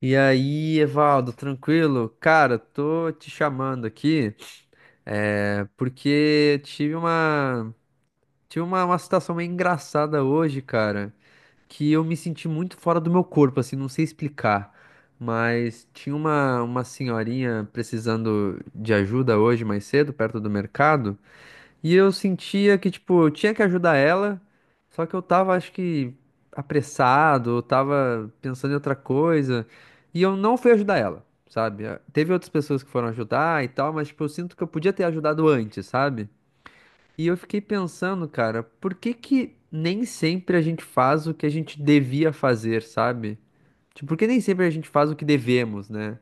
E aí, Evaldo, tranquilo? Cara, tô te chamando aqui, porque tive uma, tive uma situação meio engraçada hoje, cara, que eu me senti muito fora do meu corpo, assim, não sei explicar. Mas tinha uma senhorinha precisando de ajuda hoje mais cedo, perto do mercado. E eu sentia que, tipo, eu tinha que ajudar ela, só que eu tava, acho que, apressado, eu tava pensando em outra coisa, e eu não fui ajudar ela, sabe? Ah, teve outras pessoas que foram ajudar e tal, mas, tipo, eu sinto que eu podia ter ajudado antes, sabe? E eu fiquei pensando, cara, por que que nem sempre a gente faz o que a gente devia fazer, sabe? Tipo, por que nem sempre a gente faz o que devemos, né?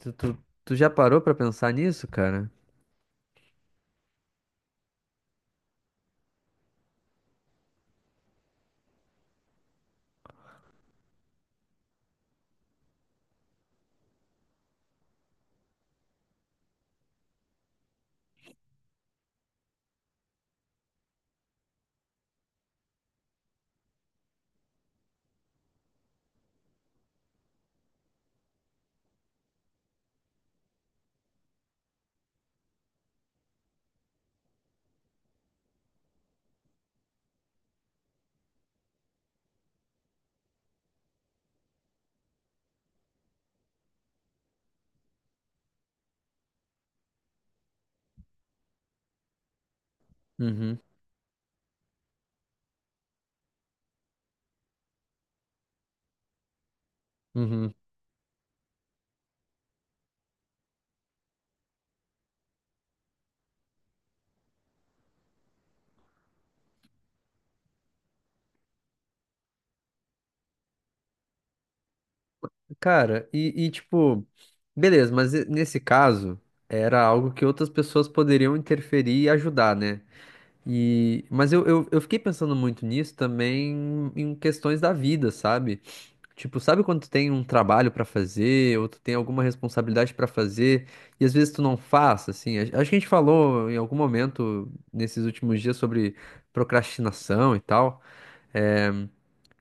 Tu, tu, tu já parou pra pensar nisso, cara? Uhum, uhum. Cara, e tipo, beleza, mas nesse caso era algo que outras pessoas poderiam interferir e ajudar, né? E, mas eu fiquei pensando muito nisso também em questões da vida, sabe? Tipo, sabe quando tu tem um trabalho pra fazer ou tu tem alguma responsabilidade pra fazer e às vezes tu não faz, assim? Acho que a gente falou em algum momento nesses últimos dias sobre procrastinação e tal.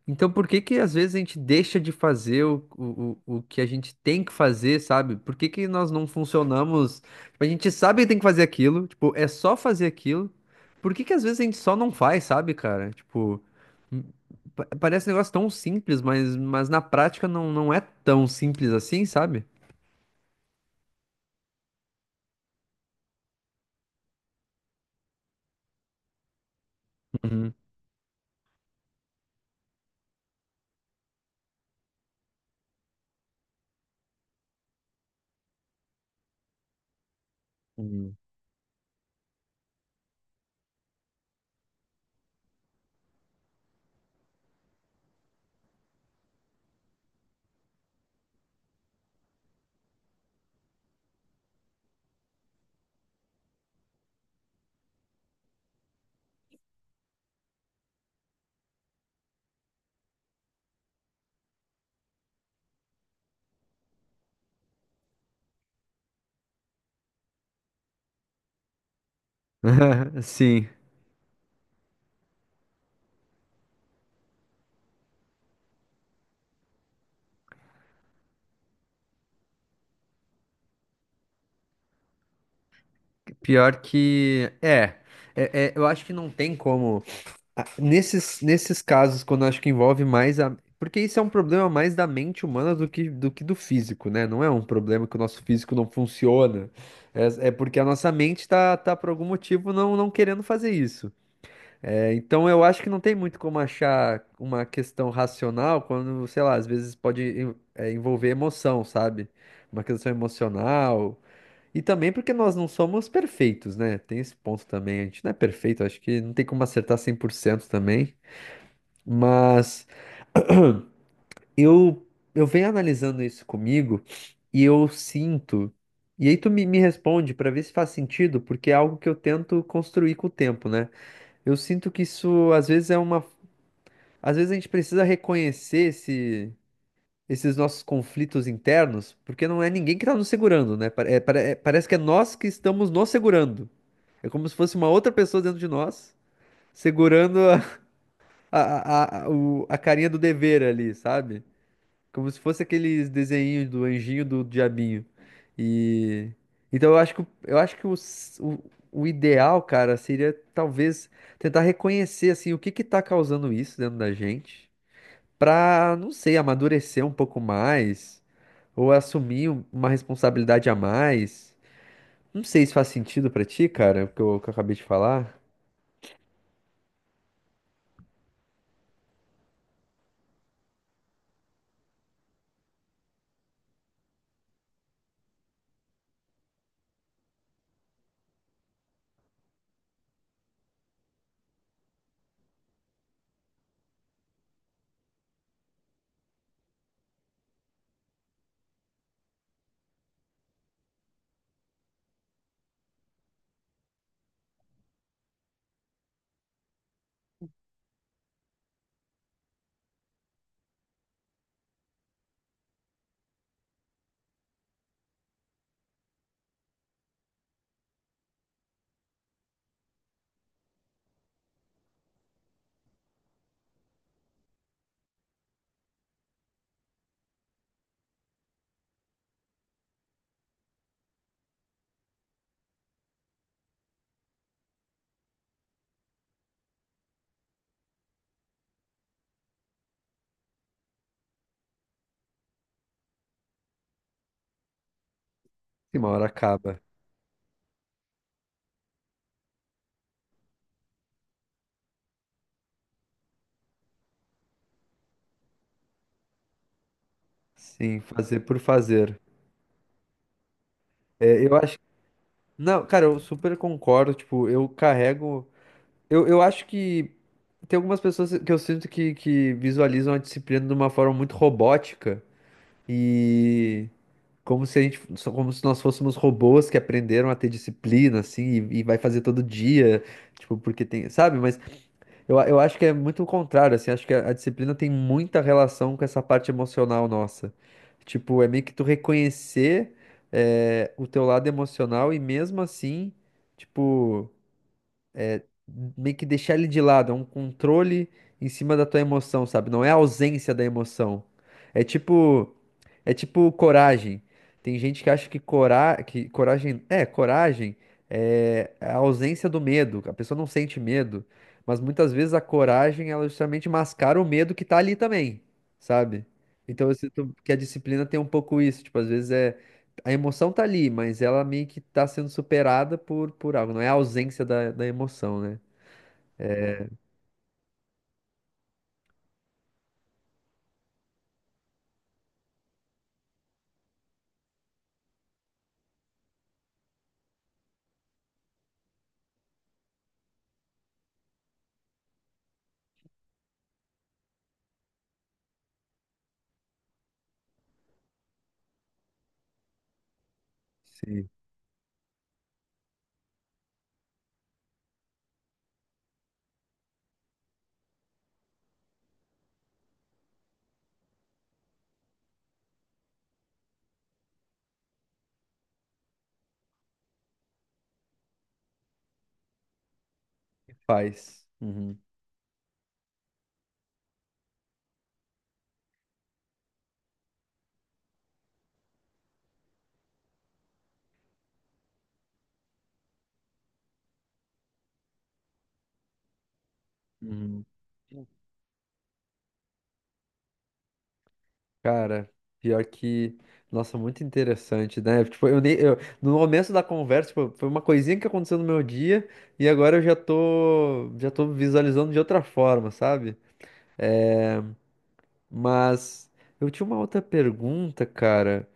Então, por que que às vezes a gente deixa de fazer o que a gente tem que fazer, sabe? Por que que nós não funcionamos? Tipo, a gente sabe que tem que fazer aquilo, tipo, é só fazer aquilo. Por que que às vezes a gente só não faz, sabe, cara? Tipo, m- parece um negócio tão simples, mas na prática não é tão simples assim, sabe? Uhum, uhum. Sim, pior que é, eu acho que não tem como. Nesses casos, quando eu acho que envolve mais a. Porque isso é um problema mais da mente humana do que do físico, né? Não é um problema que o nosso físico não funciona. É, é porque a nossa mente tá por algum motivo não querendo fazer isso. É, então eu acho que não tem muito como achar uma questão racional quando, sei lá, às vezes pode envolver emoção, sabe? Uma questão emocional. E também porque nós não somos perfeitos, né? Tem esse ponto também. A gente não é perfeito, acho que não tem como acertar 100% também. Mas eu venho analisando isso comigo e eu sinto. E aí tu me responde para ver se faz sentido, porque é algo que eu tento construir com o tempo, né? Eu sinto que isso às vezes é uma, às vezes a gente precisa reconhecer esses nossos conflitos internos, porque não é ninguém que está nos segurando, né? Parece que é nós que estamos nos segurando. É como se fosse uma outra pessoa dentro de nós segurando a, a carinha do dever ali, sabe? Como se fosse aqueles desenhinhos do anjinho do diabinho. E então eu acho que o ideal, cara, seria talvez tentar reconhecer assim o que que tá causando isso dentro da gente, pra, não sei, amadurecer um pouco mais ou assumir uma responsabilidade a mais. Não sei se faz sentido pra ti, cara, o que eu acabei de falar. Sim, uma hora acaba. Sim, fazer por fazer. É, eu acho. Não, cara, eu super concordo. Tipo, eu carrego. Eu acho que tem algumas pessoas que eu sinto que visualizam a disciplina de uma forma muito robótica e como se a gente, só como se nós fôssemos robôs que aprenderam a ter disciplina, assim, e vai fazer todo dia, tipo, porque tem, sabe? Mas eu acho que é muito o contrário, assim, acho que a disciplina tem muita relação com essa parte emocional nossa. Tipo, é meio que tu reconhecer, o teu lado emocional e mesmo assim, tipo meio que deixar ele de lado, é um controle em cima da tua emoção, sabe? Não é a ausência da emoção. É tipo, é tipo coragem. Tem gente que acha que, coragem, coragem é a ausência do medo. A pessoa não sente medo, mas muitas vezes a coragem ela justamente mascara o medo que tá ali também, sabe? Então eu sinto que a disciplina tem um pouco isso, tipo, às vezes é a emoção tá ali, mas ela meio que tá sendo superada por algo, não é a ausência da emoção, né? Sim. Faz. Uhum. Uhum. Cara, pior que. Nossa, muito interessante, né? Tipo, eu nem. No começo da conversa, tipo, foi uma coisinha que aconteceu no meu dia e agora eu já tô. Já tô visualizando de outra forma, sabe? Mas eu tinha uma outra pergunta, cara,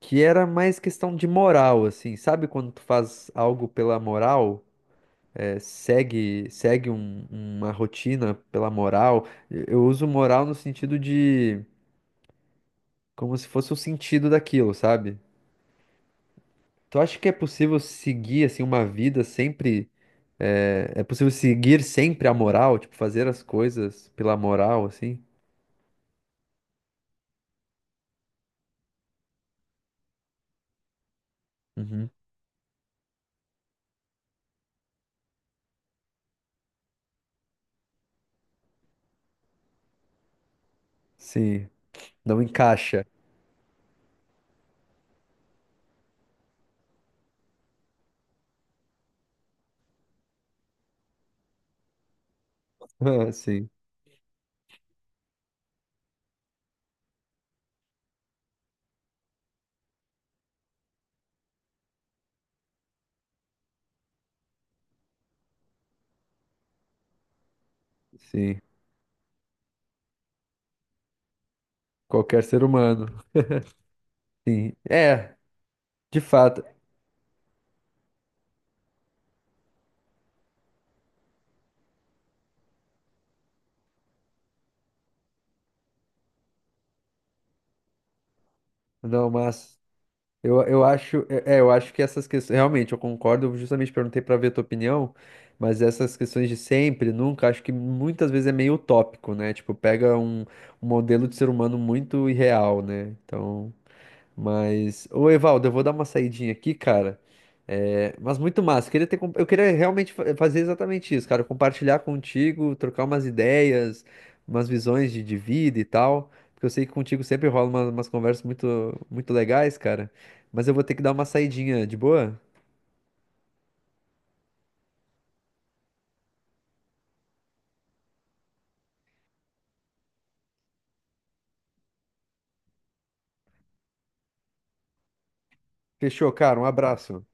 que era mais questão de moral, assim, sabe? Quando tu faz algo pela moral, segue, segue uma rotina pela moral. Eu uso moral no sentido de como se fosse o sentido daquilo, sabe? Tu acha que é possível seguir assim uma vida sempre é possível seguir sempre a moral, tipo fazer as coisas pela moral assim? Uhum. Sim, não encaixa. Ah, sim, sim. Qualquer ser humano. Sim. É, de fato. Não, mas eu, eu acho que essas questões, realmente, eu concordo, eu justamente perguntei para ver a tua opinião, mas essas questões de sempre, nunca, acho que muitas vezes é meio utópico, né? Tipo, pega um, um modelo de ser humano muito irreal, né? Então. Mas, ô Evaldo, eu vou dar uma saidinha aqui, cara. É, mas muito massa. Eu queria ter, eu queria realmente fazer exatamente isso, cara. Compartilhar contigo, trocar umas ideias, umas visões de vida e tal. Porque eu sei que contigo sempre rola umas conversas muito, muito legais, cara. Mas eu vou ter que dar uma saidinha, de boa? Fechou, cara. Um abraço.